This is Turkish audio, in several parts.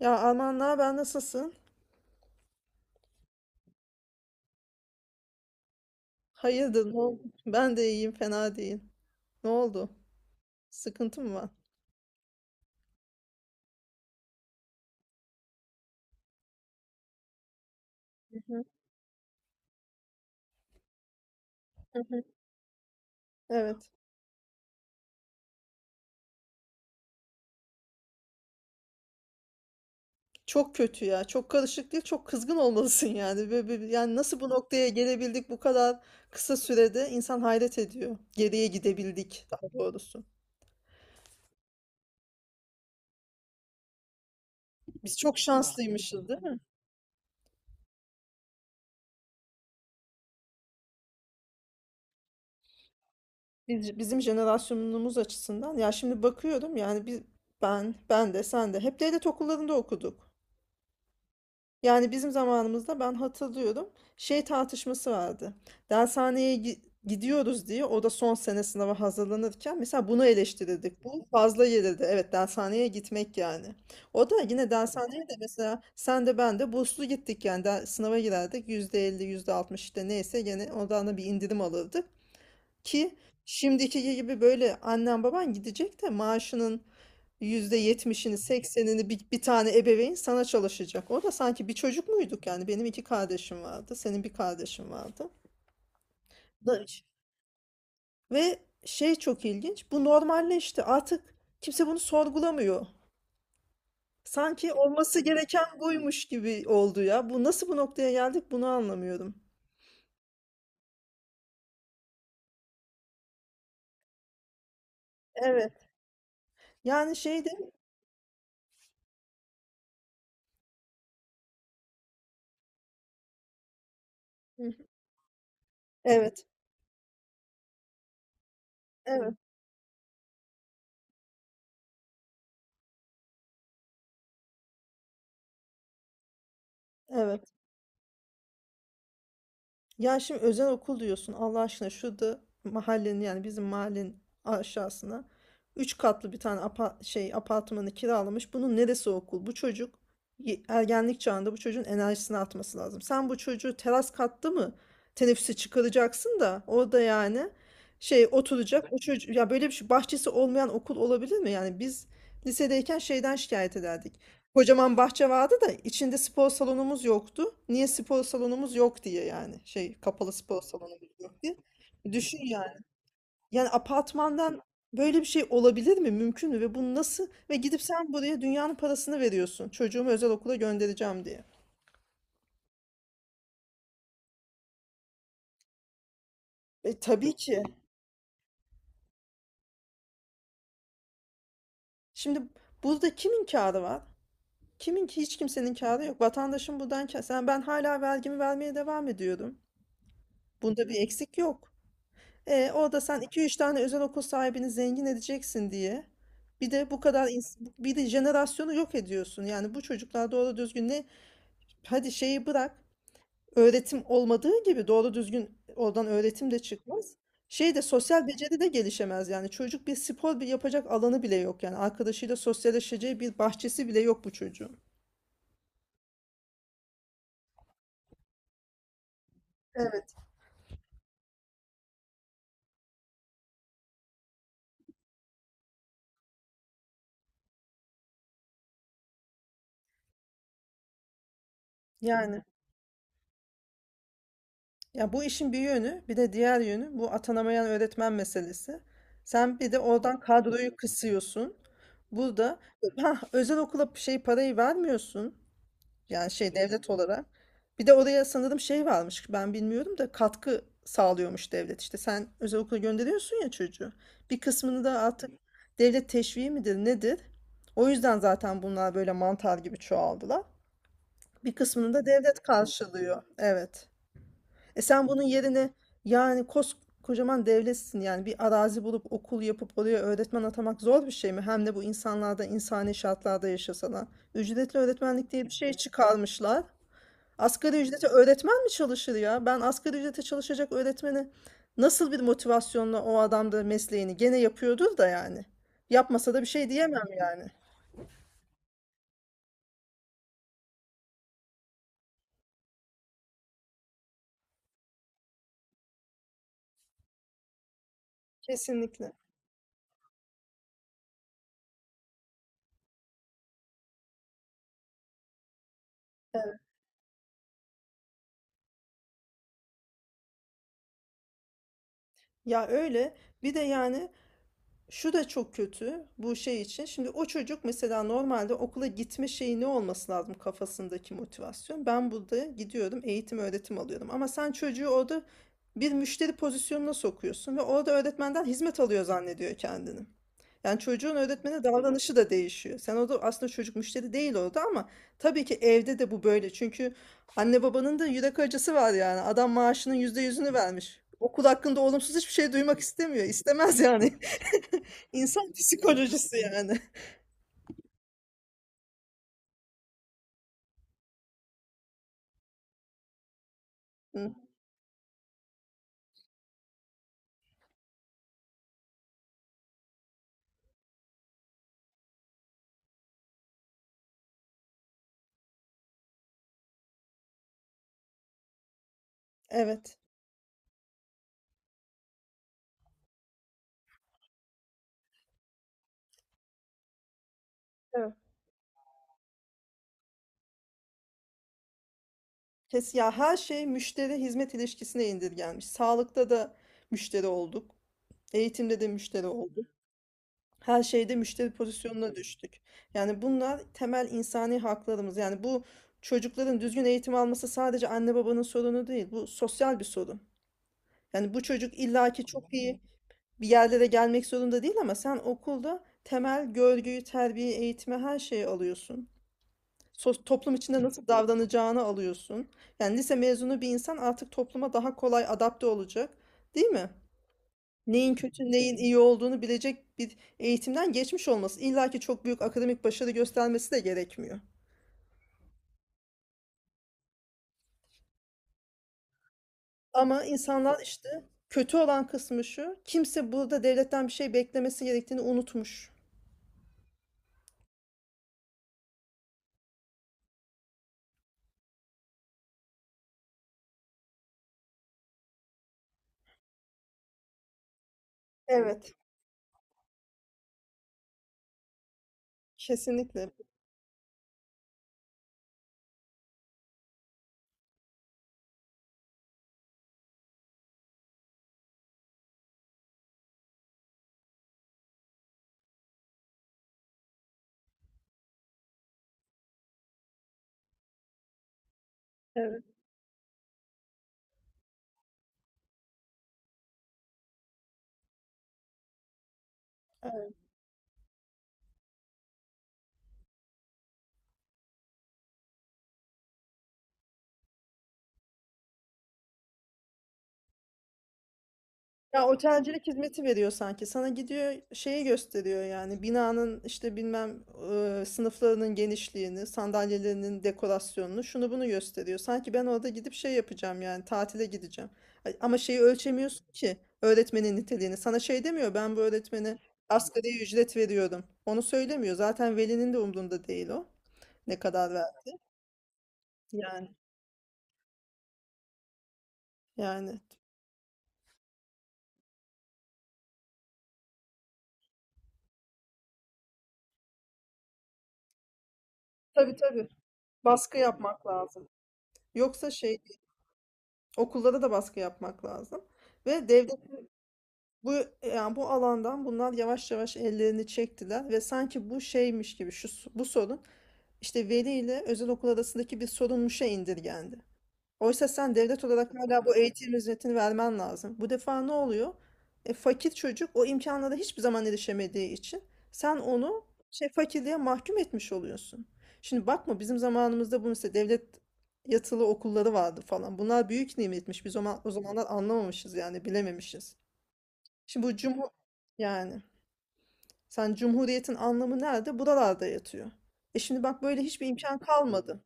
Ya Alman ben nasılsın? Hayırdır ne oldu? Ben de iyiyim fena değil. Ne oldu? Sıkıntı mı var? Hı hı, hı hı. Evet. Çok kötü ya. Çok karışık değil. Çok kızgın olmalısın yani. Böyle, yani nasıl bu noktaya gelebildik bu kadar kısa sürede? İnsan hayret ediyor. Geriye gidebildik daha doğrusu. Biz çok şanslıymışız değil mi? Bizim jenerasyonumuz açısından. Ya şimdi bakıyorum yani ben de sen de hep devlet okullarında okuduk. Yani bizim zamanımızda ben hatırlıyorum şey tartışması vardı. Dershaneye gidiyoruz diye o da son sene sınava hazırlanırken mesela bunu eleştirirdik. Bu fazla gelirdi. Evet, dershaneye gitmek yani. O da yine dershaneye de mesela sen de ben de burslu gittik yani sınava girerdik. Yüzde elli %60 işte neyse gene ondan da bir indirim alırdık. Ki şimdiki gibi böyle annen baban gidecek de maaşının %70'ini %80'ini bir tane ebeveyn sana çalışacak. O da sanki bir çocuk muyduk yani benim iki kardeşim vardı, senin bir kardeşin vardı. Da- Ve şey, çok ilginç, bu normalleşti artık, kimse bunu sorgulamıyor. Sanki olması gereken buymuş gibi oldu ya. Bu nasıl, bu noktaya geldik, bunu anlamıyorum. Evet. Yani şeyde evet, evet, evet. Ya şimdi özel okul diyorsun Allah aşkına, şurada mahallenin yani bizim mahallenin aşağısına üç katlı bir tane apartmanı kiralamış. Bunun neresi okul? Bu çocuk ergenlik çağında, bu çocuğun enerjisini atması lazım. Sen bu çocuğu teras katta mı teneffüse çıkaracaksın da orada yani şey oturacak o çocuk ya, böyle bir şey, bahçesi olmayan okul olabilir mi? Yani biz lisedeyken şeyden şikayet ederdik. Kocaman bahçe vardı da içinde spor salonumuz yoktu. Niye spor salonumuz yok diye yani. Şey, kapalı spor salonumuz yok diye. Düşün yani. Yani apartmandan böyle bir şey olabilir mi? Mümkün mü? Ve bu nasıl? Ve gidip sen buraya dünyanın parasını veriyorsun. Çocuğumu özel okula göndereceğim diye. E tabii ki. Şimdi burada kimin kârı var? Kimin ki, hiç kimsenin kârı yok. Vatandaşın buradan kârı. Sen ben hala vergimi vermeye devam ediyorum. Bunda bir eksik yok. E, orada sen iki üç tane özel okul sahibini zengin edeceksin diye. Bir de bu kadar ins- bir de jenerasyonu yok ediyorsun. Yani bu çocuklar doğru düzgün ne? Hadi şeyi bırak. Öğretim olmadığı gibi doğru düzgün oradan öğretim de çıkmaz. Şey de, sosyal beceri de gelişemez yani. Çocuk bir spor bir yapacak alanı bile yok yani. Arkadaşıyla sosyalleşeceği bir bahçesi bile yok bu çocuğun. Evet. Yani. Ya bu işin bir yönü, bir de diğer yönü bu atanamayan öğretmen meselesi. Sen bir de oradan kadroyu kısıyorsun. Burada ha, özel okula şey parayı vermiyorsun. Yani şey, devlet olarak. Bir de oraya sanırım şey varmış. Ben bilmiyorum da katkı sağlıyormuş devlet. İşte sen özel okula gönderiyorsun ya çocuğu. Bir kısmını da artık devlet teşviği midir nedir? O yüzden zaten bunlar böyle mantar gibi çoğaldılar. Bir kısmını da devlet karşılıyor. Evet. E sen bunun yerine yani koskocaman devletsin yani, bir arazi bulup okul yapıp oraya öğretmen atamak zor bir şey mi? Hem de bu insanlarda insani şartlarda yaşasalar. Ücretli öğretmenlik diye bir şey çıkarmışlar. Asgari ücrete öğretmen mi çalışır ya? Ben asgari ücrete çalışacak öğretmeni nasıl bir motivasyonla o adam da mesleğini gene yapıyordur da yani. Yapmasa da bir şey diyemem yani. Kesinlikle. Evet. Ya öyle. Bir de yani şu da çok kötü bu şey için. Şimdi o çocuk mesela normalde okula gitme şeyi, ne olması lazım kafasındaki motivasyon? Ben burada gidiyorum, eğitim öğretim alıyorum. Ama sen çocuğu orada bir müşteri pozisyonuna sokuyorsun ve orada öğretmenden hizmet alıyor zannediyor kendini. Yani çocuğun öğretmene davranışı da değişiyor. Sen orada aslında, çocuk müşteri değil orada, ama tabii ki evde de bu böyle. Çünkü anne babanın da yürek acısı var yani. Adam maaşının yüzde yüzünü vermiş. Okul hakkında olumsuz hiçbir şey duymak istemiyor. İstemez yani. İnsan psikolojisi yani. Hı, evet. Evet. Kes ya, her şey müşteri hizmet ilişkisine indirgenmiş. Sağlıkta da müşteri olduk. Eğitimde de müşteri olduk. Her şeyde müşteri pozisyonuna düştük. Yani bunlar temel insani haklarımız. Yani bu çocukların düzgün eğitim alması sadece anne babanın sorunu değil. Bu sosyal bir sorun. Yani bu çocuk illaki çok iyi bir yerlere gelmek zorunda değil, ama sen okulda temel görgüyü, terbiyeyi, eğitimi, her şeyi alıyorsun. Toplum içinde nasıl davranacağını alıyorsun. Yani lise mezunu bir insan artık topluma daha kolay adapte olacak, değil mi? Neyin kötü, neyin iyi olduğunu bilecek bir eğitimden geçmiş olması. İlla ki çok büyük akademik başarı göstermesi de gerekmiyor. Ama insanlar işte, kötü olan kısmı şu, kimse burada devletten bir şey beklemesi gerektiğini unutmuş. Evet, kesinlikle. Evet. Ya otelcilik hizmeti veriyor sanki. Sana gidiyor şeyi gösteriyor yani, binanın işte, bilmem e, sınıflarının genişliğini, sandalyelerinin dekorasyonunu, şunu bunu gösteriyor. Sanki ben orada gidip şey yapacağım yani, tatile gideceğim. Ay, ama şeyi ölçemiyorsun ki, öğretmenin niteliğini. Sana şey demiyor, ben bu öğretmene asgari ücret veriyorum. Onu söylemiyor. Zaten velinin de umrunda değil o. Ne kadar ver. Yani, yani. Tabii, tabii. Baskı yapmak lazım. Yoksa şey, okullara da baskı yapmak lazım. Ve devlet bu, yani bu alandan bunlar yavaş yavaş ellerini çektiler ve sanki bu şeymiş gibi, şu bu sorun işte veli ile özel okul arasındaki bir sorunmuşa indirgendi. Oysa sen devlet olarak hala bu eğitim hizmetini vermen lazım. Bu defa ne oluyor? E, fakir çocuk o imkanlara hiçbir zaman erişemediği için sen onu şey, fakirliğe mahkum etmiş oluyorsun. Şimdi bakma, bizim zamanımızda bu mesela devlet yatılı okulları vardı falan. Bunlar büyük nimetmiş. Biz o zamanlar anlamamışız yani, bilememişiz. Şimdi bu yani sen, cumhuriyetin anlamı nerede? Buralarda yatıyor. E şimdi bak, böyle hiçbir imkan kalmadı.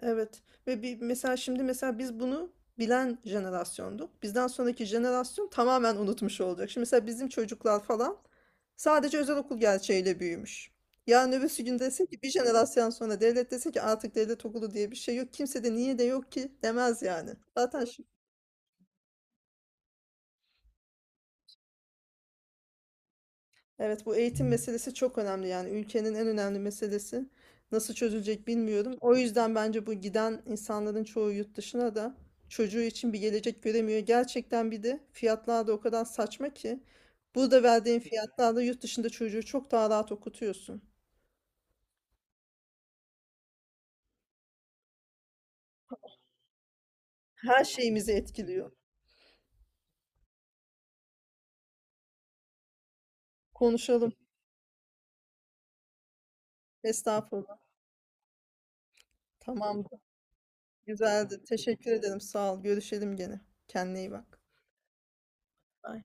Evet, ve bir mesela şimdi mesela biz bunu bilen jenerasyonduk. Bizden sonraki jenerasyon tamamen unutmuş olacak. Şimdi mesela bizim çocuklar falan sadece özel okul gerçeğiyle büyümüş. Yarın öbürsü gün desin ki, bir jenerasyon sonra devlet desin ki artık devlet okulu diye bir şey yok. Kimse de niye de yok ki demez yani. Zaten Evet, bu eğitim meselesi çok önemli yani, ülkenin en önemli meselesi. Nasıl çözülecek bilmiyorum. O yüzden bence bu giden insanların çoğu yurt dışına da çocuğu için bir gelecek göremiyor. Gerçekten bir de fiyatlar da o kadar saçma ki burada verdiğin fiyatlarla yurt dışında çocuğu çok daha rahat okutuyorsun. Her şeyimizi etkiliyor. Konuşalım. Estağfurullah. Tamamdır. Güzeldi. Teşekkür ederim. Sağ ol. Görüşelim gene. Kendine iyi bak. Bye.